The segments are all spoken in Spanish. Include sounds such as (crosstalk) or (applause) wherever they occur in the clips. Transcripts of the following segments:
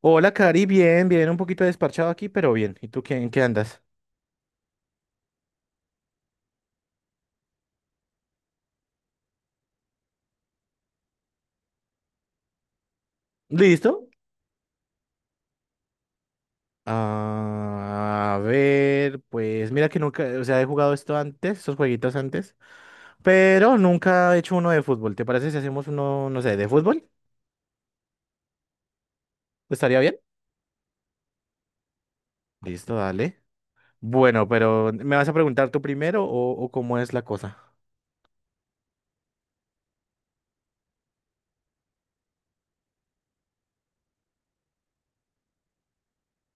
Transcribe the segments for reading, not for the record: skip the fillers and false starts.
Hola, Cari, bien, bien, un poquito desparchado aquí, pero bien. ¿Y tú qué, en qué andas? ¿Listo? Ah, a ver, pues mira que nunca, o sea, he jugado esto antes, esos jueguitos antes, pero nunca he hecho uno de fútbol. ¿Te parece si hacemos uno, no sé, de fútbol? ¿Estaría bien? Listo, dale. Bueno, pero ¿me vas a preguntar tú primero o cómo es la cosa?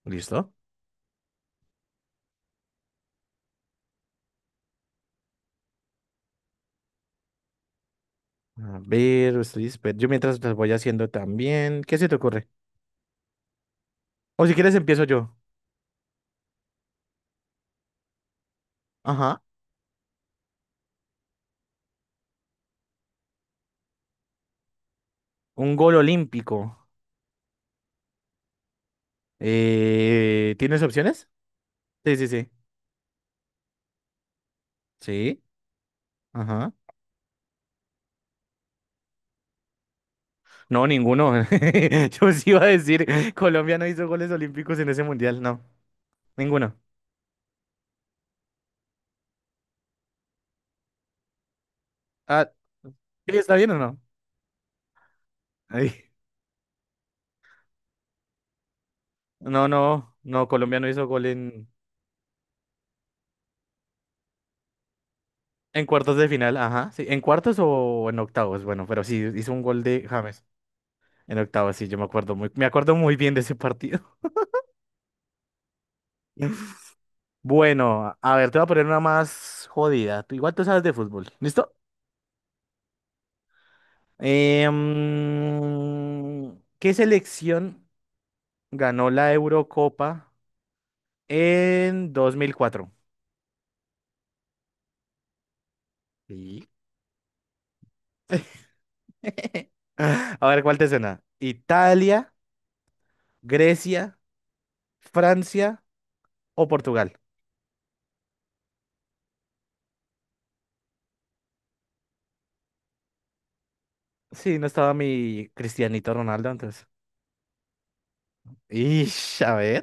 ¿Listo? A ver, yo mientras las voy haciendo también. ¿Qué se te ocurre? O si quieres empiezo yo. Ajá. Un gol olímpico. ¿Tienes opciones? Sí, sí, sí. Sí. Ajá. No, ninguno. (laughs) Yo sí iba a decir, Colombia no hizo goles olímpicos en ese mundial. No, ninguno. Ah, sí, ¿está bien o no? Ay, no, no, no, Colombia no hizo gol en cuartos de final, ajá, sí, en cuartos o en octavos, bueno, pero sí, hizo un gol de James en octavos, sí, yo me acuerdo muy bien de ese partido. (laughs) Bueno, a ver, te voy a poner una más jodida, igual tú sabes de fútbol, ¿listo? ¿Qué selección ganó la Eurocopa en 2004? Sí. (laughs) A ver, ¿cuál te suena? ¿Italia, Grecia, Francia o Portugal? Sí, no estaba mi Cristianito Ronaldo antes. Ish, a ver.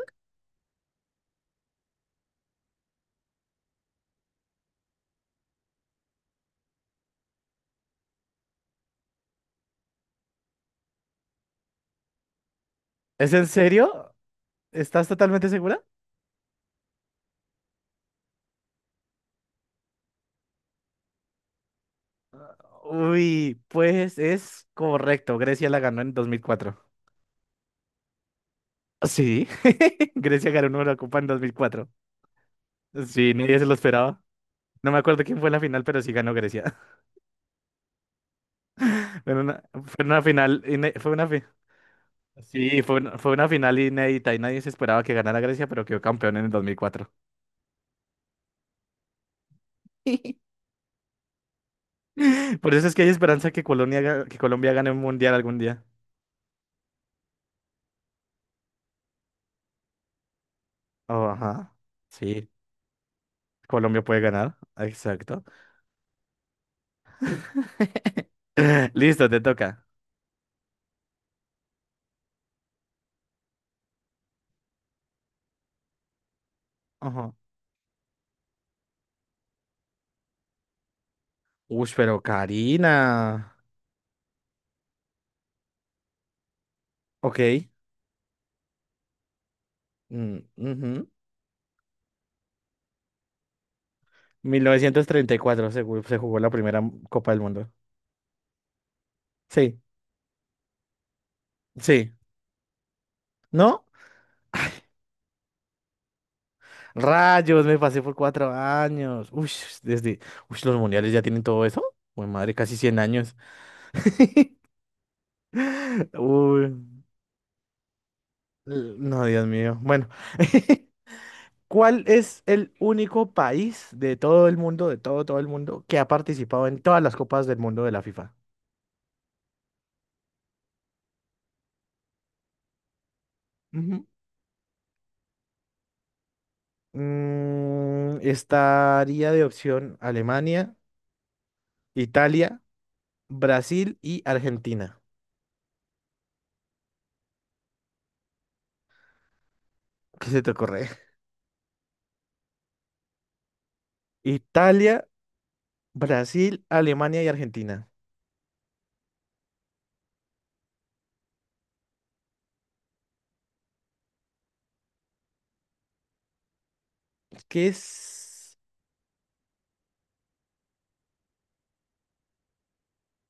¿Es en serio? ¿Estás totalmente segura? Uy, pues es correcto. Grecia la ganó en 2004. Sí. (laughs) Grecia ganó una Eurocopa en 2004. Sí, nadie se lo esperaba. No me acuerdo quién fue en la final, pero sí ganó Grecia. (laughs) Fue una final. Sí, fue una final inédita y nadie se esperaba que ganara Grecia, pero quedó campeón en el 2004. (laughs) Por eso es que hay esperanza que que Colombia gane un mundial algún día. Oh, ajá. Sí, Colombia puede ganar. Exacto. (laughs) Listo, te toca. Ajá. Uy, pero Karina. Ok. Ujú. 1934 se jugó la primera Copa del Mundo. Sí. Sí, ¿no? Rayos, me pasé por 4 años. Uy, desde. Uy, los mundiales ya tienen todo eso. Uy, madre, casi 100 años. (laughs) Uy, no, Dios mío. Bueno, (laughs) ¿cuál es el único país de todo el mundo, de todo, todo el mundo, que ha participado en todas las copas del mundo de la FIFA? Ujú. Estaría de opción Alemania, Italia, Brasil y Argentina. ¿Qué se te ocurre? (laughs) Italia, Brasil, Alemania y Argentina. ¿Qué es?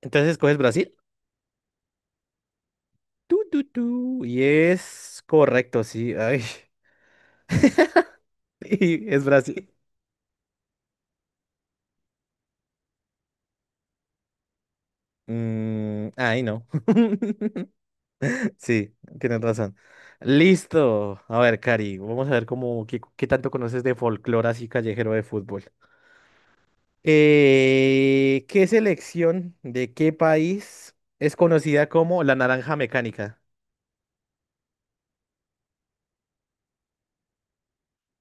Entonces escoges Brasil. Tu, tu, tu. Y es correcto, sí. Ay, (laughs) y es Brasil. Ay, no. (laughs) Sí, tienes razón. Listo. A ver, Cari, vamos a ver qué tanto conoces de folclore así callejero de fútbol. ¿Qué selección de qué país es conocida como la naranja mecánica?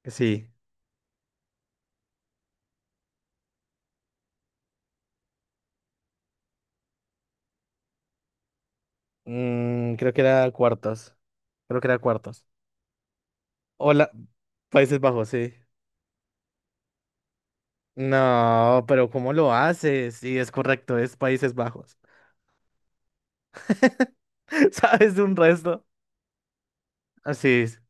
Sí. Creo que era cuartos. Creo que era cuartos. Hola, Países Bajos, sí. No, pero ¿cómo lo haces? Sí, es correcto, es Países Bajos. (laughs) ¿Sabes de un resto? Así es.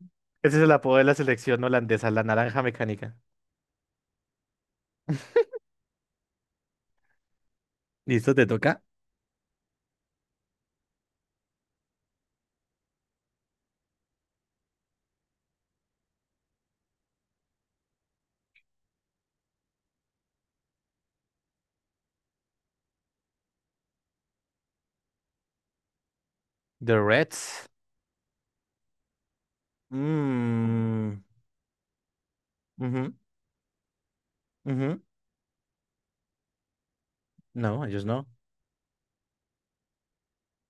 Ese es el apodo de la selección holandesa, la naranja mecánica. ¿Listo? ¿Te toca? The Reds. Mm, ujú, ujú. No, ellos no.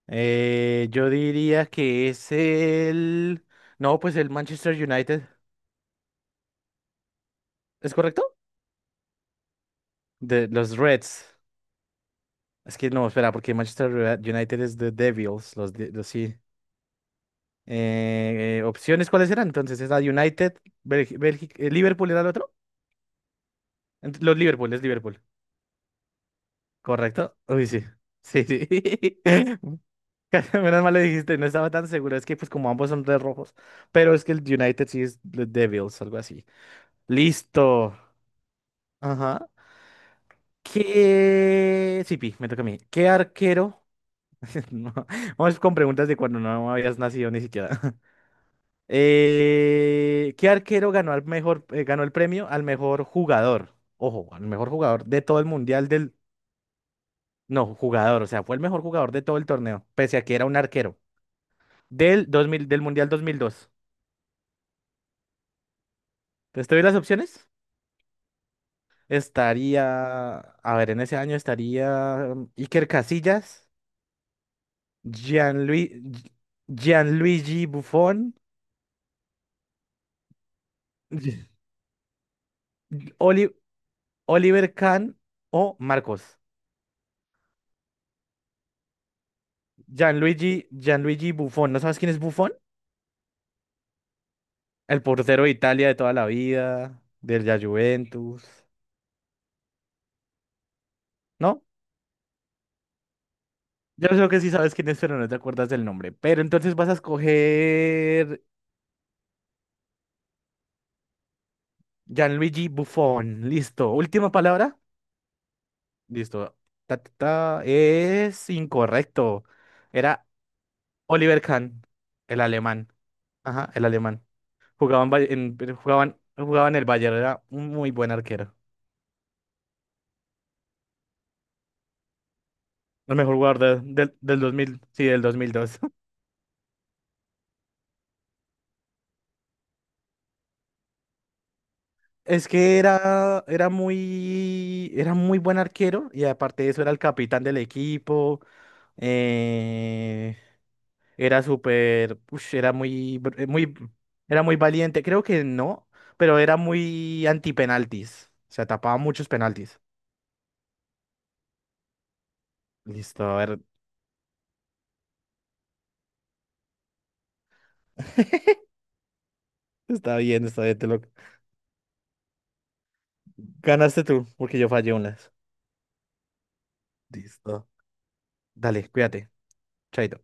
Yo diría que es el. No, pues el Manchester United. ¿Es correcto? De los Reds. Es que no, espera, porque Manchester United es The Devils, los sí. Opciones, ¿cuáles eran? Entonces, es la United, Bélgica, Liverpool era el otro. Los Liverpool, es Liverpool. ¿Correcto? Uy, sí. Sí, sí. (laughs) Menos mal lo dijiste, no estaba tan seguro. Es que, pues, como ambos son de rojos. Pero es que el United sí es The Devils, algo así. Listo. Ajá. ¿Qué. Sí, Pi, me toca a mí. ¿Qué arquero? (laughs) No, vamos con preguntas de cuando no habías nacido ni siquiera. ¿Qué arquero ganó al mejor, ganó el premio al mejor jugador? Ojo, al mejor jugador de todo el mundial del. No, jugador, o sea, fue el mejor jugador de todo el torneo, pese a que era un arquero del 2000 del mundial 2002. Entonces, ¿te doy las opciones? Estaría, a ver, en ese año estaría Iker Casillas, Gianlui- Gi- Gianluigi Buffon, (laughs) Gi- Oli- Oliver Kahn o Marcos. Gianluigi Buffon, ¿no sabes quién es Buffon? El portero de Italia de toda la vida, del la Juventus. ¿No? Yo creo que sí sabes quién es, pero no te acuerdas del nombre. Pero entonces vas a escoger Gianluigi Buffon. Listo. Última palabra. Listo. Ta, ta, ta. Es incorrecto. Era Oliver Kahn, el alemán. Ajá, el alemán. Jugaban, en, Bay- en- jugaban, jugaban el Bayern. Era un muy buen arquero. El mejor jugador del 2000, sí, del 2002. Es que era muy buen arquero y aparte de eso era el capitán del equipo. eh, era súper, ush, era muy, br- eh, muy, era muy valiente. Creo que no, pero era muy anti-penaltis, o sea tapaba muchos penaltis. Listo, a ver. (laughs) Está bien, te lo ganaste tú, porque yo fallé unas. Listo. Dale, cuídate. Chaito.